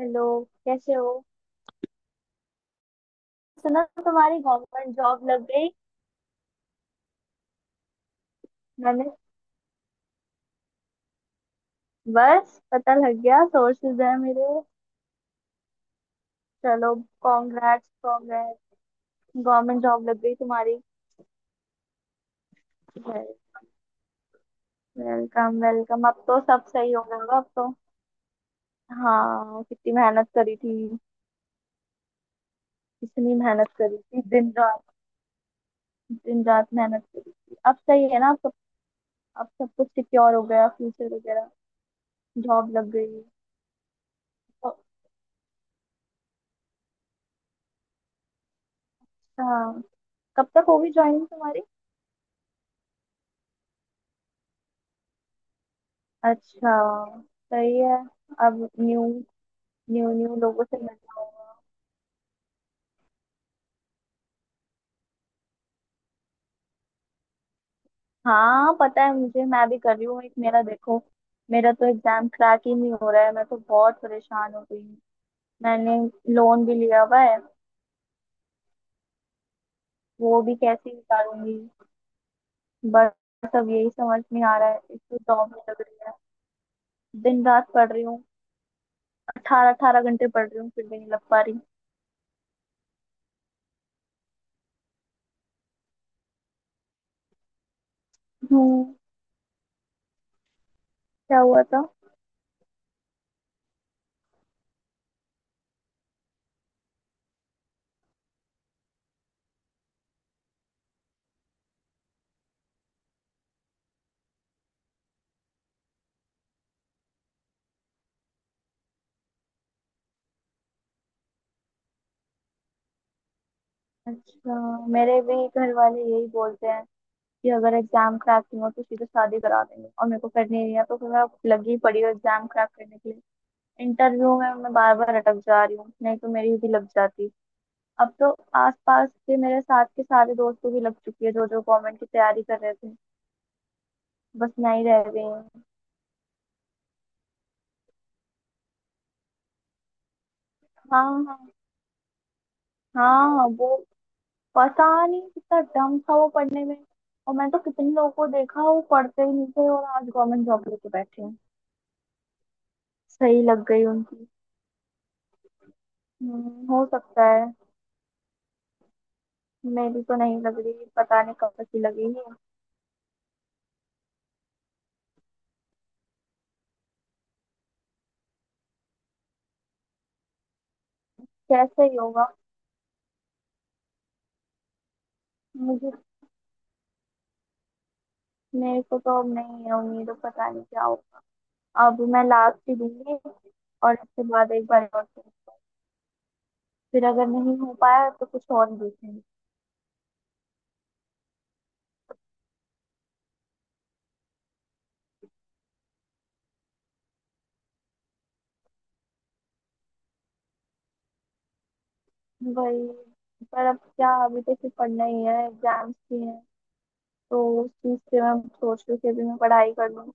Hello. कैसे हो? सुना तुम्हारी गवर्नमेंट जॉब लग गई। मैंने बस पता लग गया, सोर्सेज है मेरे। चलो, कॉन्ग्रेट्स कॉन्ग्रेट्स। गवर्नमेंट जॉब लग गई तुम्हारी। वेलकम वेलकम, अब तो सब सही हो गया होगा अब तो। हाँ, कितनी मेहनत करी थी, कितनी मेहनत करी थी, दिन रात, दिन रात मेहनत करी थी। अब सही है ना अब सब कुछ सिक्योर हो गया, फ्यूचर वगैरह जॉब लग गई। तो, हाँ, कब तक होगी ज्वाइनिंग तुम्हारी? अच्छा, सही है। अब न्यू न्यू न्यू लोगों से मिलना होगा। हाँ पता है मुझे, मैं भी कर रही हूँ। एक मेरा देखो, मेरा तो एग्जाम क्रैक ही नहीं हो रहा है, मैं तो बहुत परेशान हो गई हूँ। मैंने लोन भी लिया हुआ है, वो भी कैसे निकालूंगी। बस अब यही समझ नहीं आ रहा है, एक तो जॉब नहीं लग रही है। दिन रात पढ़ रही हूँ, 18-18 घंटे पढ़ रही हूँ, फिर भी नहीं लग पा रही हूँ। क्या हुआ था? अच्छा, मेरे भी घर वाले यही बोलते हैं कि अगर एग्जाम क्रैक नहीं हो तो सीधे शादी करा देंगे, और मेरे को करनी नहीं है, तो फिर मैं लगी पड़ी हूँ एग्जाम क्रैक करने के लिए। इंटरव्यू में मैं बार बार अटक जा रही हूँ, नहीं तो मेरी भी लग जाती। अब तो आसपास के मेरे साथ के सारे दोस्तों की लग चुकी है, जो जो गवर्नमेंट की तैयारी कर रहे थे। बस मैं ही रह गई हूँ। हाँ हाँ। हाँ वो, पता नहीं कितना डम था वो पढ़ने में। और मैंने तो कितने लोगों को देखा, वो पढ़ते ही नहीं थे और आज गवर्नमेंट जॉब लेके बैठे हैं। सही लग गई उनकी। हो सकता है। मेरी तो नहीं लग रही, पता नहीं कब तक की लगेगी। कैसे ही होगा। मुझे मेरे को तो अब नहीं है उम्मीद, अब पता नहीं क्या होगा। अब मैं लास्ट ही दूंगी, और इसके बाद एक बार और देखूंगी। फिर अगर नहीं हो पाया तो कुछ और देखेंगे। वही, पर अब क्या, अभी तो सिर्फ पढ़ना ही है, एग्जाम्स भी हैं, तो उस चीज से मैं सोच रही हूँ कि अभी मैं पढ़ाई कर लूँ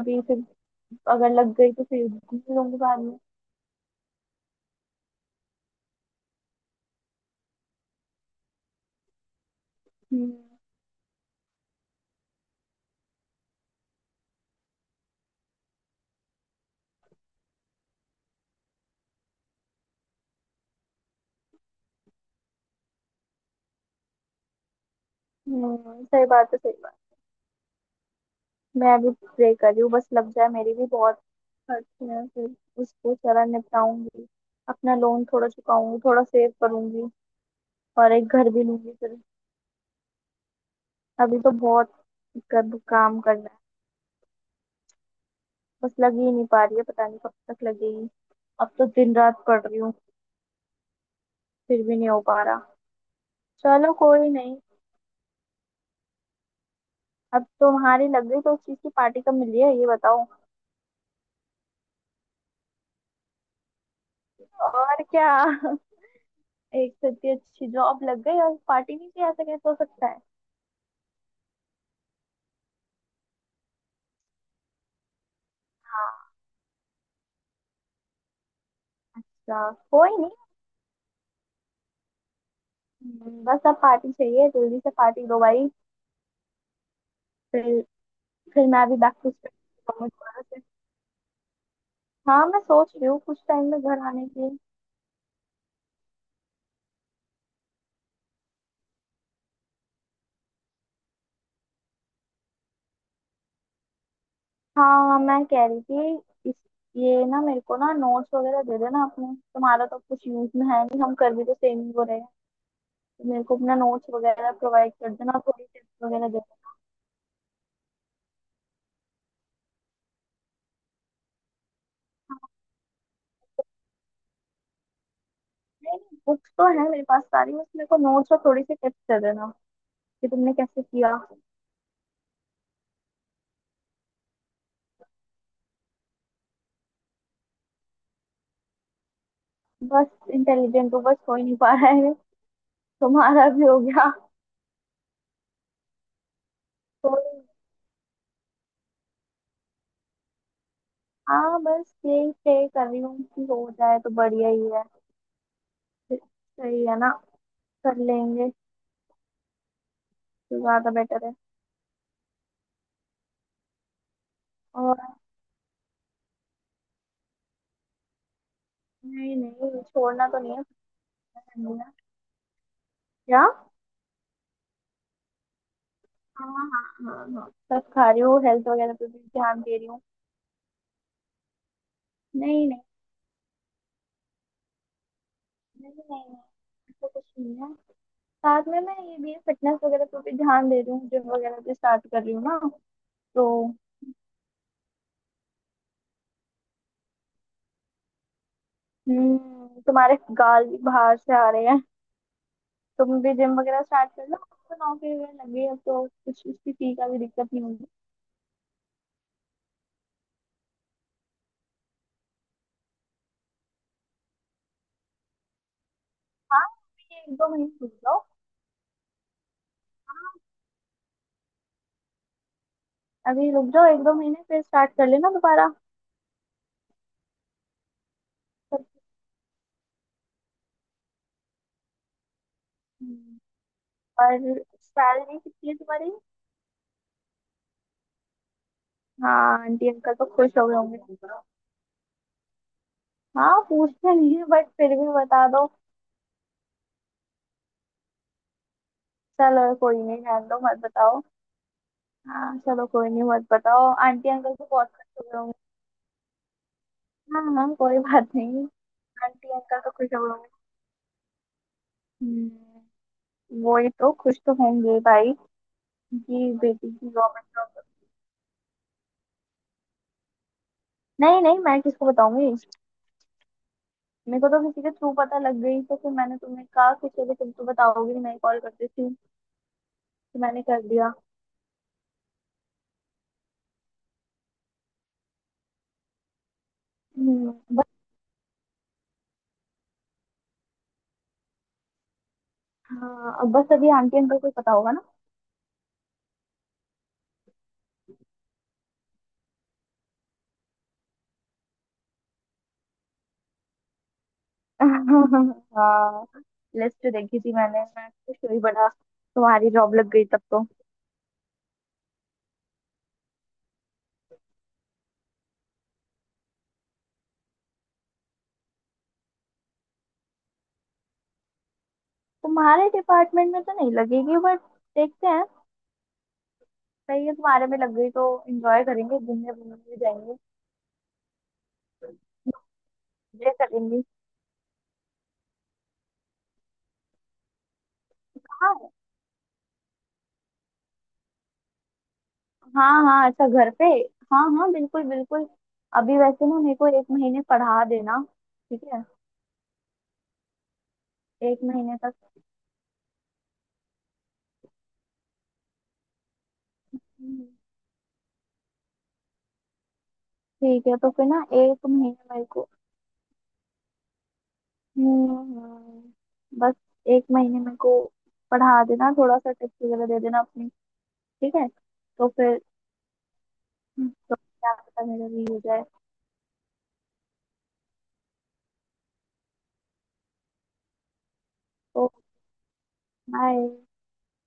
अभी। फिर अगर लग गई तो फिर घूम लूंगी बाद में। हम्म सही बात है, सही बात। मैं अभी प्रे कर रही हूँ, बस लग जाए मेरी भी। बहुत करती हूँ फिर, उसको जरा निपटाऊंगी, अपना लोन थोड़ा चुकाऊंगी, थोड़ा सेव करूंगी, और एक घर भी लूंगी फिर। अभी तो बहुत काम करना है। बस लग ही नहीं पा रही है, पता नहीं कब तक लगेगी। अब तो दिन रात पढ़ रही हूँ, फिर भी नहीं हो पा रहा। चलो कोई नहीं, अब तुम्हारी लग गई तो उस चीज की पार्टी कब मिली है ये बताओ। और क्या एक से इतनी अच्छी जॉब लग गई और पार्टी नहीं की, ऐसा कैसे हो सकता है? हाँ। अच्छा, कोई नहीं। बस अब पार्टी चाहिए, जल्दी से पार्टी दो भाई फिर। फिर मैं अभी बैक टू स्टडी दोबारा से। हाँ मैं सोच रही हूँ कुछ टाइम में घर आने की। हाँ मैं कह रही थी इस, ये ना मेरे को ना नोट्स वगैरह दे देना अपने, तुम्हारा तो कुछ यूज में है नहीं, हम कर भी तो सेम ही हो रहे हैं, तो मेरे को अपना नोट्स वगैरह प्रोवाइड कर देना, थोड़ी टिप्स वगैरह दे देना। नहीं, बुक्स तो है मेरे पास सारी, बस मेरे को नोट्स और थोड़ी सी टिप्स दे देना कि तुमने कैसे किया। बस, इंटेलिजेंट हो, बस हो ही नहीं पा रहा है। तुम्हारा भी हो गया तो। हाँ बस यही प्रे कर रही हूँ कि हो जाए तो बढ़िया ही है, सही है ना? कर लेंगे तो ज्यादा बेटर है। और नहीं नहीं, छोड़ना तो नहीं है, पता करनी है। क्या? हाँ हाँ हाँ हाँ, सब खा रही हूँ, हेल्थ वगैरह पे भी ध्यान दे रही हूँ। नहीं नहीं नहीं नहीं नहीं, ऐसा कुछ नहीं है। साथ में मैं ये भी फिटनेस वगैरह पे भी ध्यान दे रही हूँ, जिम वगैरह भी स्टार्ट कर रही हूँ ना तो। हम्म, तुम्हारे गाल भी बाहर से आ रहे हैं, तुम भी जिम वगैरह स्टार्ट कर लो। तो नौकरी वगैरह लग गई अब तो कुछ उसकी फी का भी दिक्कत नहीं होगी। हाँ, अभी एक दो महीने रुक जाओ। हाँ, अभी रुक जाओ एक दो महीने, फिर स्टार्ट कर लेना दोबारा। सब। हम्म, और सैलरी कितनी है तुम्हारी? हाँ, आंटी अंकल तो खुश हो गए होंगे। हाँ पूछते नहीं है बट फिर भी बता दो। चलो कोई नहीं, जान दो, मत बताओ। हाँ चलो कोई नहीं, मत बताओ। आंटी अंकल तो बहुत खुश हो गए होंगे। हाँ हाँ कोई बात नहीं, आंटी अंकल तो खुश हो गए होंगे। हम्म, वही तो, खुश तो होंगे भाई कि बेटी की गवर्नमेंट जॉब। नहीं नहीं मैं किसको बताऊंगी, मेरे को तो किसी के थ्रू पता लग गई, तो फिर मैंने तुम्हें कहा कि चलो तुम तो बताओगी, मैं कॉल कर देती हूँ तो मैंने कर दिया। हम्म। बस, हाँ अब बस अभी आंटी अंकल को ही पता होगा ना। हाँ, लिस्ट देखी थी मैंने, मैं खुश हुई बड़ा तुम्हारी जॉब लग गई तब तो। तुम्हारे डिपार्टमेंट में तो नहीं लगेगी बट देखते हैं, सही है तुम्हारे में लग गई तो एंजॉय करेंगे, घूमने घूमने भी जाएंगे, मजे करेंगे। हाँ हाँ हाँ, अच्छा घर पे, हाँ हाँ बिल्कुल बिल्कुल। अभी वैसे ना मेरे को एक महीने पढ़ा देना। ठीक है, एक महीने तक। हम्म। ठीक है तो फिर ना एक महीने मेरे को, हम्म हम्म, बस एक महीने मेरे को पढ़ा देना, थोड़ा सा टिप्स वगैरह दे देना अपनी। ठीक है तो फिर। तो क्या पता मेरा भी हो जाए तो। बाय।